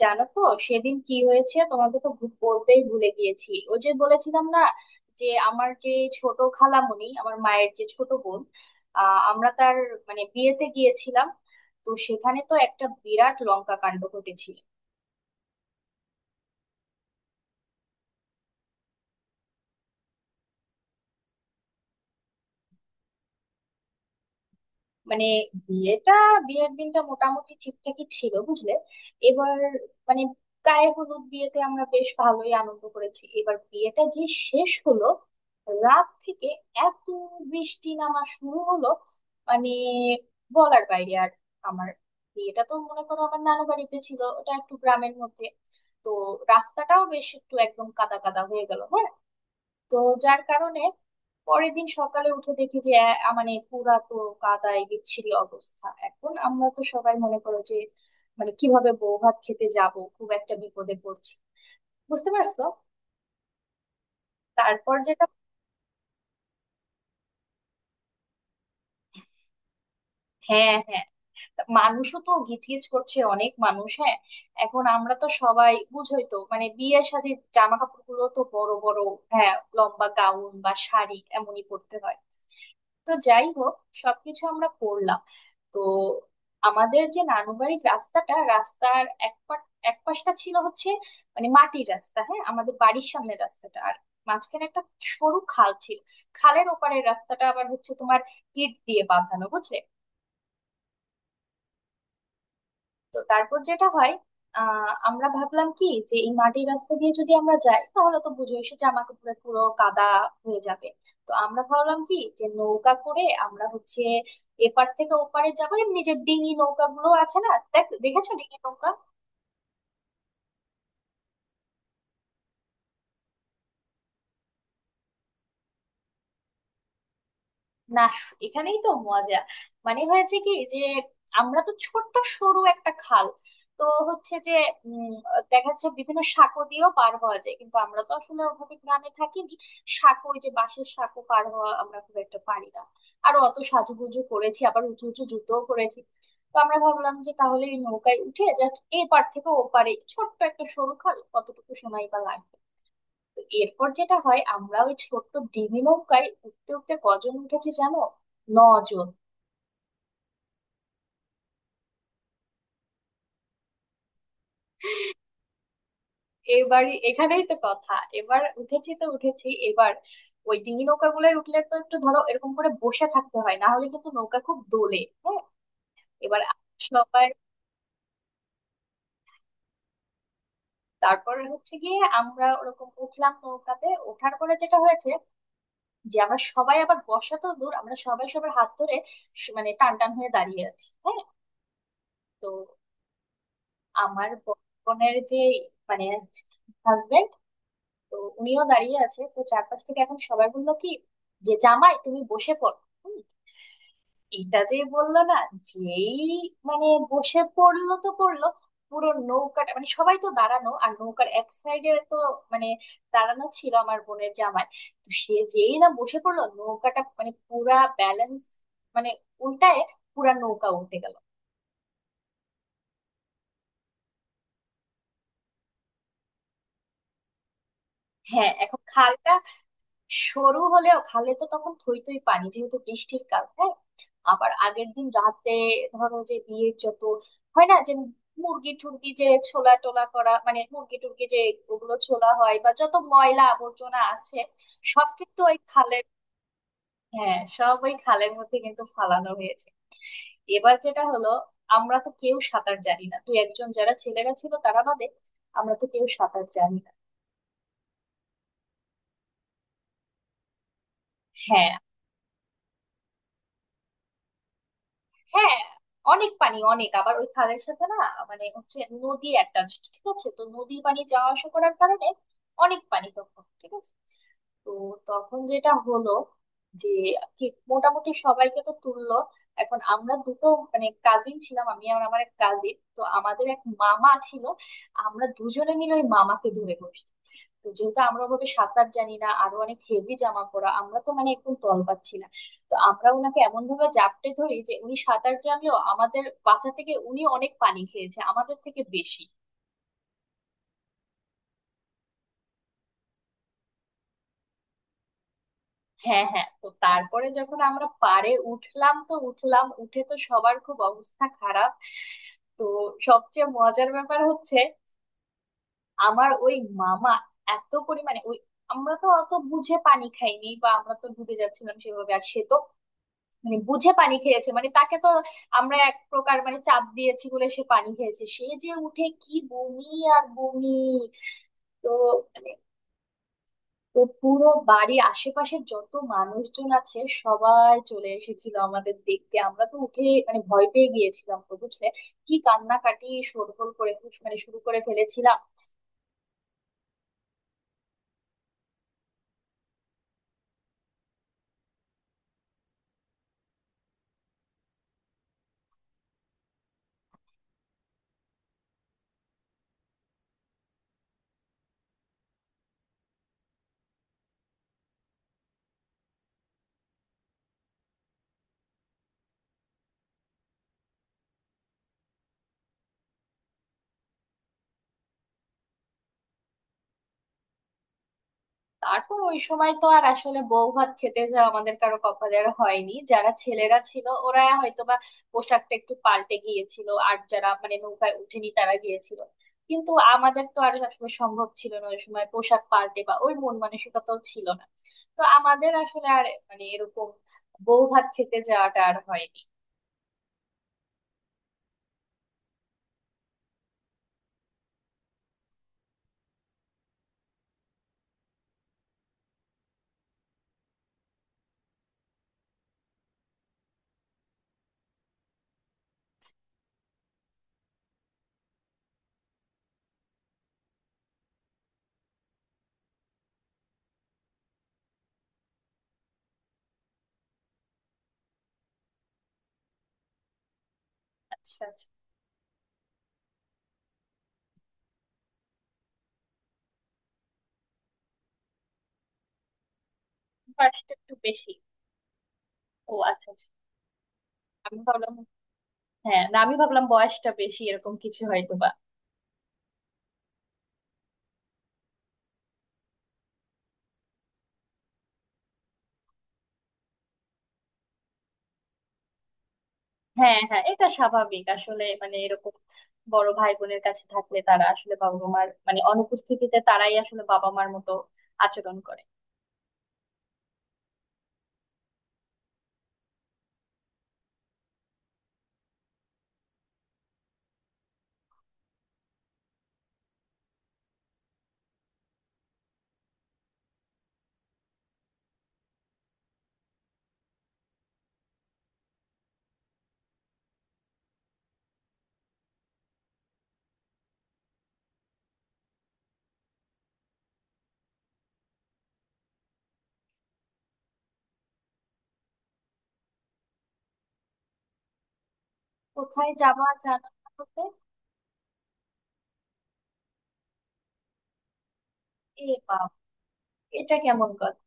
জানো তো, সেদিন কি হয়েছে তোমাকে তো বলতেই ভুলে গিয়েছি। ওই যে বলেছিলাম না যে আমার যে ছোট খালামণি, আমার মায়ের যে ছোট বোন, আমরা তার বিয়েতে গিয়েছিলাম। তো সেখানে তো একটা বিরাট লঙ্কা কাণ্ড ঘটেছিল। মানে বিয়েটা বিয়ের দিনটা মোটামুটি ঠিকঠাকই ছিল বুঝলে। এবার মানে গায়ে হলুদ বিয়েতে আমরা বেশ ভালোই আনন্দ করেছি। এবার বিয়েটা যে শেষ হলো, রাত থেকে এত বৃষ্টি নামা শুরু হলো, মানে বলার বাইরে। আর আমার বিয়েটা তো মনে করো আমার নানু বাড়িতে ছিল, ওটা একটু গ্রামের মধ্যে। তো রাস্তাটাও বেশ একটু একদম কাদা কাদা হয়ে গেল, হ্যাঁ? তো যার কারণে পরের দিন সকালে উঠে দেখি যে আহ, মানে পুরা তো কাদায় বিচ্ছিরি অবস্থা। এখন আমরা তো সবাই মনে করো যে কিভাবে বউ ভাত খেতে যাব, খুব একটা বিপদে পড়ছি, বুঝতে পারছো। তারপর যেটা, হ্যাঁ হ্যাঁ, তা মানুষও তো গিজগিজ করছে, অনেক মানুষ, হ্যাঁ। এখন আমরা তো সবাই বুঝোই তো, বিয়ের সাথে জামা কাপড় গুলো তো বড় বড়, হ্যাঁ, লম্বা গাউন বা শাড়ি এমনই পরতে হয়। তো যাই হোক, সবকিছু আমরা করলাম। তো আমাদের যে নানুবাড়ির রাস্তাটা, রাস্তার এক পাশটা ছিল হচ্ছে মাটির রাস্তা, হ্যাঁ, আমাদের বাড়ির সামনের রাস্তাটা, আর মাঝখানে একটা সরু খাল ছিল। খালের ওপারের রাস্তাটা আবার হচ্ছে তোমার ইট দিয়ে বাঁধানো, বুঝলে। তো তারপর যেটা হয়, আমরা ভাবলাম কি যে এই মাটির রাস্তা দিয়ে যদি আমরা যাই তাহলে তো বুঝোই সে জামা কাপড়ে পুরো কাদা হয়ে যাবে। তো আমরা ভাবলাম কি যে নৌকা করে আমরা হচ্ছে এপার থেকে ওপারে যাবো। এমনি যে ডিঙি নৌকা গুলো আছে না, দেখেছো ডিঙি নৌকা? না, এখানেই তো মজা। হয়েছে কি যে আমরা তো ছোট্ট সরু একটা খাল, তো হচ্ছে যে উম, দেখা যাচ্ছে বিভিন্ন সাঁকো দিয়েও পার হওয়া যায়, কিন্তু আমরা তো আসলে ওভাবে গ্রামে থাকিনি। সাঁকো, ওই যে বাঁশের সাঁকো পার হওয়া আমরা খুব একটা পারি না। আর অত সাজুগুজু করেছি, আবার উঁচু উঁচু জুতোও করেছি। তো আমরা ভাবলাম যে তাহলে এই নৌকায় উঠে জাস্ট এ পার থেকে ও পারে, ছোট্ট একটা সরু খাল কতটুকু সময় বা লাগবে। তো এরপর যেটা হয়, আমরা ওই ছোট্ট ডিঙি নৌকায় উঠতে উঠতে কজন উঠেছি জানো? নজন। এবারই এখানেই তো কথা। এবার উঠেছি তো উঠেছি। এবার ওই ডিঙি নৌকা গুলোয় উঠলে তো একটু ধরো এরকম করে বসে থাকতে হয়, না হলে কিন্তু নৌকা খুব দোলে, হ্যাঁ। এবার সবাই, তারপর হচ্ছে গিয়ে আমরা ওরকম উঠলাম। নৌকাতে ওঠার পরে যেটা হয়েছে যে আমরা সবাই, আবার বসা তো দূর, আমরা সবাই সবার হাত ধরে স- মানে টান টান হয়ে দাঁড়িয়ে আছি, হ্যাঁ। তো আমার বড় বোনের যে মানে হাজবেন্ড, তো উনিও দাঁড়িয়ে আছে। তো চারপাশ থেকে এখন সবাই বললো কি যে জামাই তুমি বসে পড়ো। হুম, এটা যে বললো না, যেই মানে বসে পড়লো তো পড়লো, পুরো নৌকাটা, সবাই তো দাঁড়ানো আর নৌকার এক সাইডে তো মানে দাঁড়ানো ছিল আমার বোনের জামাই। তো সে যেই না বসে পড়লো, নৌকাটা পুরা ব্যালেন্স মানে উল্টায়, পুরা নৌকা উল্টে গেল। হ্যাঁ, এখন খালটা সরু হলেও খালে তো তখন থই থই পানি, যেহেতু বৃষ্টির কাল, হ্যাঁ, আবার আগের দিন রাতে ধরো যে বিয়ের যত হয় না যে মুরগি টুরগি যে ছোলা টোলা করা, মানে মুরগি টুরগি যে ওগুলো ছোলা হয় বা যত ময়লা আবর্জনা আছে সব কিন্তু ওই খালের, হ্যাঁ, সব ওই খালের মধ্যে কিন্তু ফালানো হয়েছে। এবার যেটা হলো, আমরা তো কেউ সাঁতার জানি না, দু একজন যারা ছেলেরা ছিল তারা বাদে। আমরা তো কেউ সাঁতার জানি না হ্যাঁ হ্যাঁ, অনেক পানি, অনেক, আবার ওই খালের সাথে না হচ্ছে নদী অ্যাটাচড, ঠিক আছে, তো নদীর পানি যাওয়া আসা করার কারণে অনেক পানি তখন, ঠিক আছে। তো তখন যেটা হলো যে কি, মোটামুটি সবাইকে তো তুললো। এখন আমরা দুটো কাজিন ছিলাম, আমি আর আমার এক কাজিন, তো আমাদের এক মামা ছিল। আমরা দুজনে মিলে ওই মামাকে ধরে বসছি। তো যেহেতু আমরা ওভাবে সাঁতার জানি না, আরো অনেক হেভি জামা পরা, আমরা তো একদম তল পাচ্ছি না। তো আমরা ওনাকে এমন ভাবে জাপটে ধরি যে উনি সাঁতার জানলেও আমাদের বাঁচা থেকে উনি অনেক পানি খেয়েছে, আমাদের থেকে বেশি। হ্যাঁ হ্যাঁ, তো তারপরে যখন আমরা পাড়ে উঠলাম তো উঠলাম, উঠে তো সবার খুব অবস্থা খারাপ। তো সবচেয়ে মজার ব্যাপার হচ্ছে, আমার ওই মামা এত পরিমাণে ওই, আমরা তো অত বুঝে পানি খাইনি বা আমরা তো ডুবে যাচ্ছিলাম সেভাবে, আর সে তো বুঝে পানি খেয়েছে। তাকে তো আমরা এক প্রকার চাপ দিয়েছি বলে সে পানি খেয়েছে, সে যে উঠে কি বমি আর বমি। তো মানে তো পুরো বাড়ি আশেপাশে যত মানুষজন আছে সবাই চলে এসেছিল আমাদের দেখতে। আমরা তো উঠে ভয় পেয়ে গিয়েছিলাম তো, বুঝলে, কি কান্নাকাটি, শোরগোল করে ফেল- মানে শুরু করে ফেলেছিলাম। তারপর ওই সময় তো আর আসলে বউ ভাত খেতে যাওয়া আমাদের কারো কপালের হয়নি। যারা ছেলেরা ছিল ওরা হয়তোবা পোশাকটা একটু পাল্টে গিয়েছিল, আর যারা নৌকায় উঠেনি তারা গিয়েছিল, কিন্তু আমাদের তো আর আসলে সম্ভব ছিল না ওই সময় পোশাক পাল্টে, বা ওই মন মানসিকতাও ছিল না। তো আমাদের আসলে আর এরকম বউ ভাত খেতে যাওয়াটা আর হয়নি। আচ্ছা আচ্ছা, বয়সটা একটু বেশি। ও আচ্ছা আচ্ছা, আমি ভাবলাম, হ্যাঁ না, আমি ভাবলাম বয়সটা বেশি এরকম কিছু হয়তো। হ্যাঁ হ্যাঁ, এটা স্বাভাবিক আসলে। এরকম বড় ভাই বোনের কাছে থাকলে তারা আসলে বাবা মার অনুপস্থিতিতে তারাই আসলে বাবা মার মতো আচরণ করে। কোথায় যাওয়া জানা না হতে? এ বাবা, এটা কেমন কথা।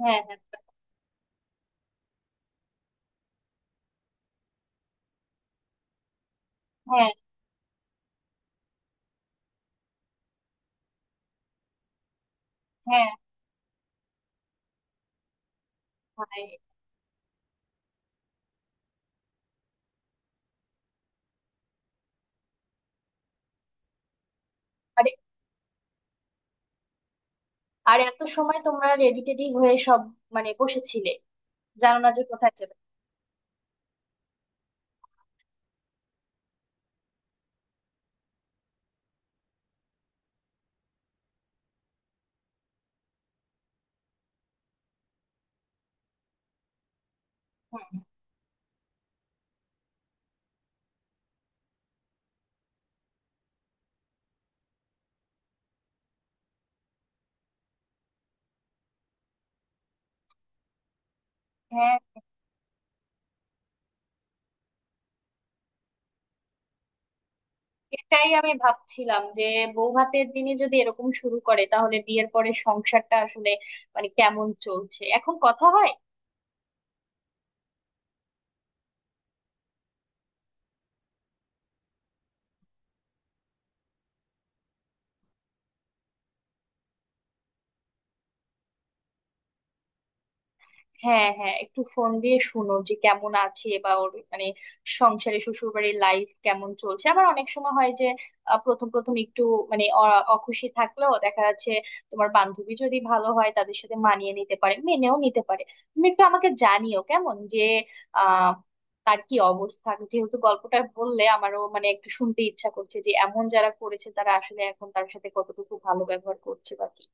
হ্যাঁ হ্যাঁ হ্যাঁ। হ্যাঁ ভাই। আরে, আর এত সময় তোমরা রেডি টেডি হয়ে সব বসেছিলে, জানো না যে কোথায় যাবে? হ্যাঁ হ্যাঁ, এটাই আমি ভাবছিলাম যে বউ ভাতের দিনে যদি এরকম শুরু করে তাহলে বিয়ের পরে সংসারটা আসলে কেমন চলছে এখন কথা হয়? হ্যাঁ হ্যাঁ, একটু ফোন দিয়ে শুনো যে কেমন আছে, বা ওর সংসারে শ্বশুর বাড়ির লাইফ কেমন চলছে। আবার অনেক সময় হয় যে প্রথম প্রথম একটু অখুশি থাকলেও, দেখা যাচ্ছে তোমার বান্ধবী যদি ভালো হয় তাদের সাথে মানিয়ে নিতে পারে, মেনেও নিতে পারে। তুমি একটু আমাকে জানিও কেমন যে আহ তার কি অবস্থা, যেহেতু গল্পটা বললে আমারও একটু শুনতে ইচ্ছা করছে যে এমন যারা করেছে তারা আসলে এখন তার সাথে কতটুকু ভালো ব্যবহার করছে বা কি।